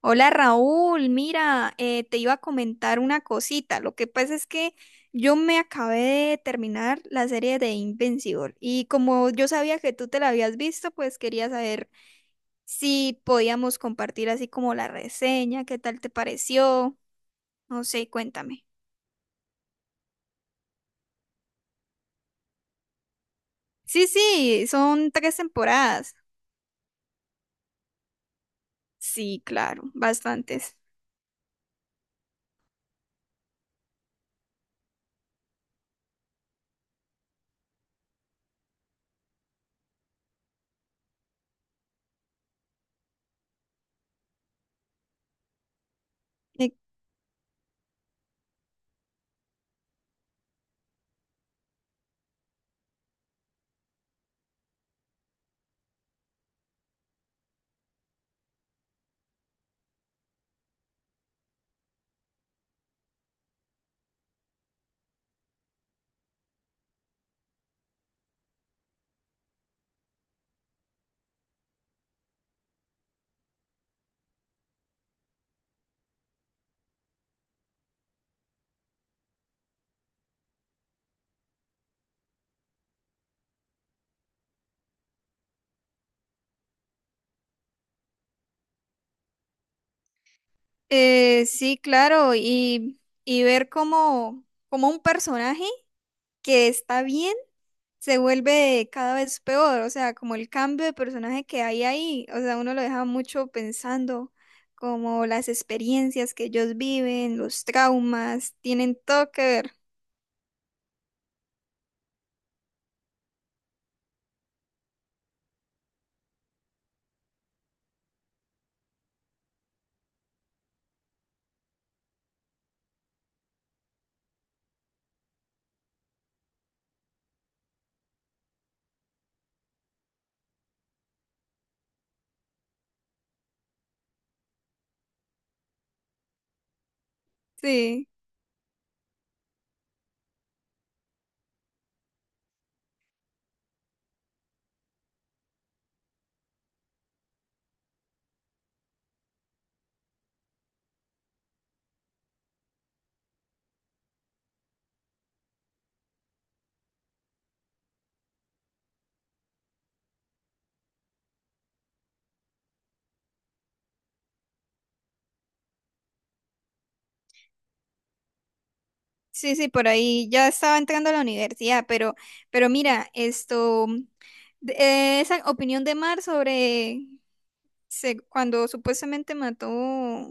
Hola Raúl, mira, te iba a comentar una cosita. Lo que pasa es que yo me acabé de terminar la serie de Invincible y como yo sabía que tú te la habías visto, pues quería saber si podíamos compartir así como la reseña, qué tal te pareció. No sé, cuéntame. Sí, sí, son tres temporadas. Sí, claro, bastantes. Eh, sí, claro, y ver cómo, cómo un personaje que está bien se vuelve cada vez peor. O sea, como el cambio de personaje que hay ahí, o sea, uno lo deja mucho pensando, como las experiencias que ellos viven, los traumas, tienen todo que ver. Sí, sí, sí, por ahí ya estaba entrando a la universidad, pero mira, esto, esa opinión de Mar sobre cuando supuestamente mató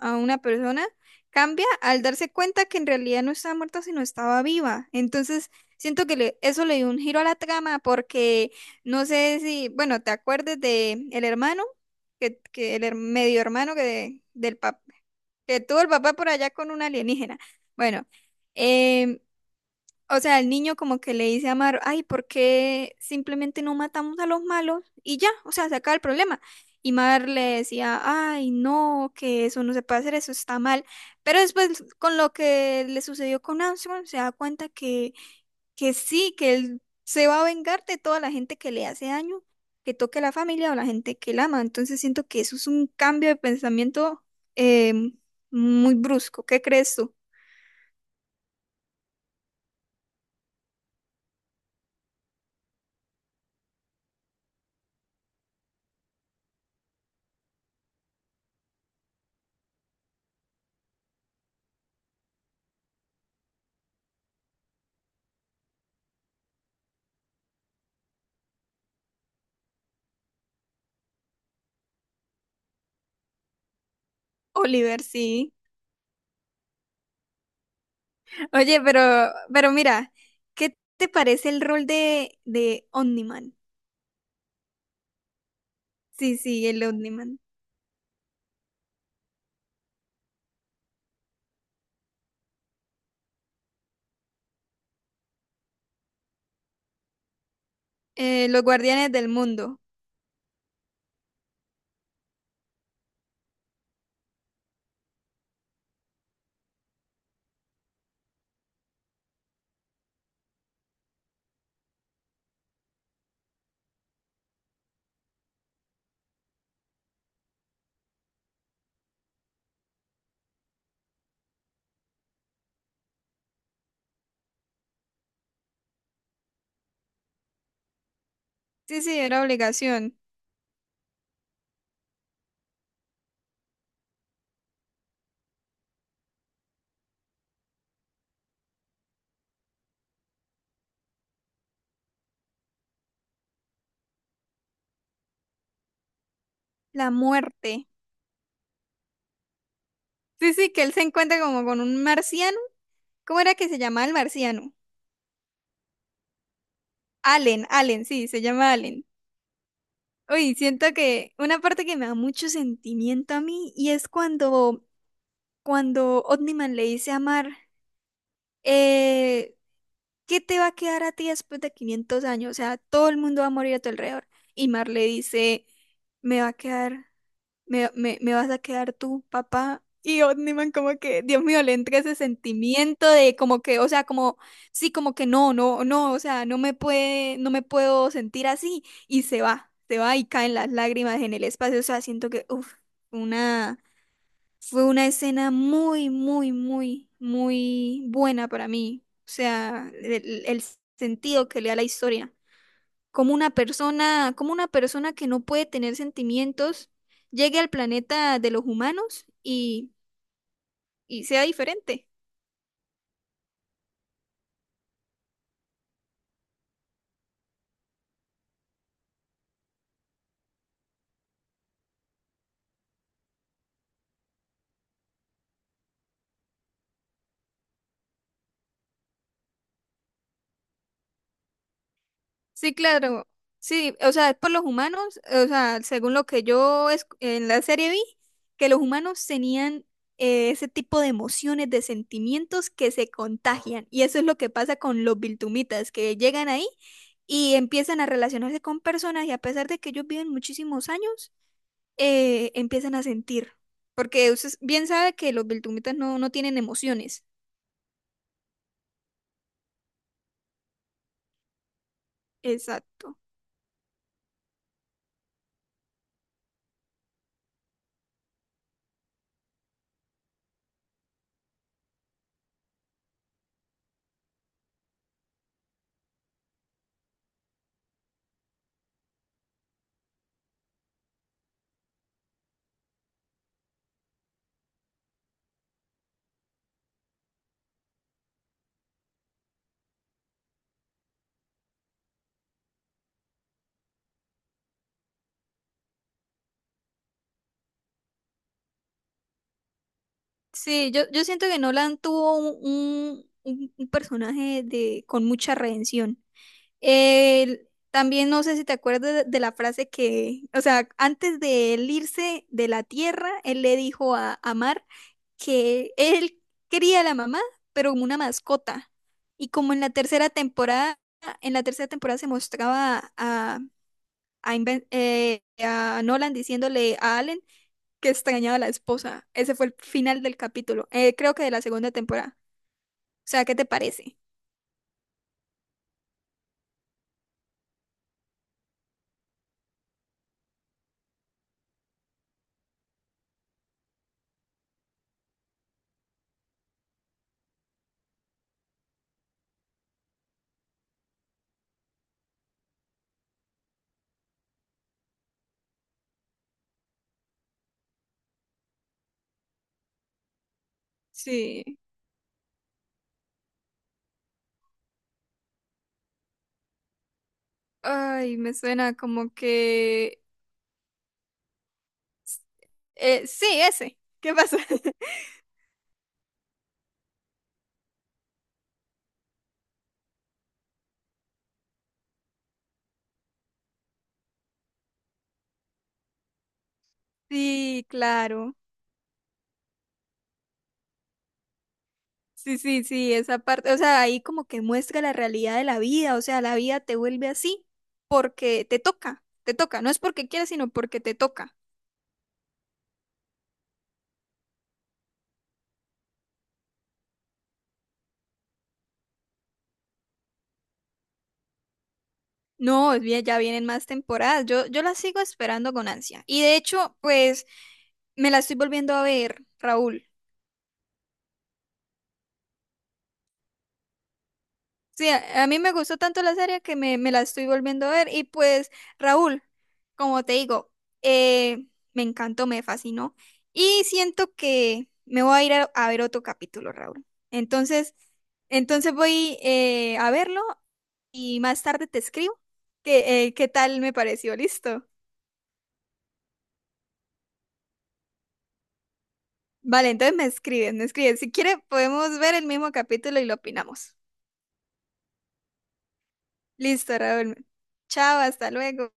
a una persona, cambia al darse cuenta que en realidad no estaba muerta, sino estaba viva. Entonces, siento que eso le dio un giro a la trama porque no sé si, bueno, te acuerdes de el hermano, medio hermano que tuvo el papá por allá con un alienígena. Bueno. em, o sea, el niño como que le dice a Amaro, ay, ¿por qué simplemente no matamos a los malos? Y ya, o sea, se acaba el problema. Y Mar le decía, ay, no, que eso no se puede hacer, eso está mal. Pero después, con lo que le sucedió con Anson, se da cuenta que sí, que él se va a vengar de toda la gente que le hace daño, que toque a la familia o la gente que él ama. Entonces siento que eso es un cambio de pensamiento eh, muy brusco. ¿Qué crees tú, Oliver? Sí. Oye, pero mira, ¿qué te parece el rol de Omniman? Sí, sí, el Omniman. Los guardianes del mundo. Sí, sí, era obligación. La muerte. Sí, sí, que él se encuentra como con un marciano. ¿Cómo era que se llamaba el marciano? Allen, Allen, sí, se llama Allen. Uy, siento que una parte que me da mucho sentimiento a mí y es cuando, cuando Omniman le dice a Mar, eh, ¿qué te va a quedar a ti después de 500 años? O sea, todo el mundo va a morir a tu alrededor. Y Mar le dice, me va a quedar, me vas a quedar tú, papá. Y Omniman como que, Dios mío, le entra ese sentimiento de como que, o sea, como, sí, como que no, no, no, o sea, no me puede, no me puedo sentir así. Y se va y caen las lágrimas en el espacio. O sea, siento que, uff, una fue una escena muy, muy, muy, muy buena para mí. O sea, el sentido que le da la historia. Como una persona que no puede tener sentimientos, llegue al planeta de los humanos y sea diferente. Sí, claro. Sí, o sea, es por los humanos, o sea, según lo que yo en la serie vi, que los humanos tenían ese tipo de emociones, de sentimientos que se contagian. Y eso es lo que pasa con los biltumitas, que llegan ahí y empiezan a relacionarse con personas y a pesar de que ellos viven muchísimos años, empiezan a sentir. Porque usted bien sabe que los biltumitas no tienen emociones. Exacto. Sí, yo siento que Nolan tuvo un, un personaje de, con mucha redención. Él- También no sé si te acuerdas de la frase que, o sea, antes de él irse de la tierra, él le dijo a Mar que él quería a la mamá, pero como una mascota. Y como en la tercera temporada, en la tercera temporada se mostraba a, a Nolan diciéndole a Allen que extrañaba a la esposa. Ese fue el final del capítulo. Creo que de la segunda temporada. O sea, ¿qué te parece? Sí. Ay, me suena como que... sí, ese. ¿Qué pasó? Sí, claro. Sí, sí, sí, esa parte. O sea, ahí como que muestra la realidad de la vida. O sea, la vida te vuelve así porque te toca. Te toca. No es porque quieras, sino porque te toca. No, es bien, ya vienen más temporadas. Yo la sigo esperando con ansia. Y de hecho, pues me la estoy volviendo a ver, Raúl. Sí, a mí me gustó tanto la serie que me la estoy volviendo a ver. Y pues, Raúl, como te digo, eh, me encantó, me fascinó. Y siento que me voy a ir a ver otro capítulo, Raúl. Entonces, entonces voy a verlo y más tarde te escribo. ¿Que qué tal me pareció? Listo. Vale, entonces me escribes, me escribes. Si quieres, podemos ver el mismo capítulo y lo opinamos. Listo, Raúl. Chao, hasta luego.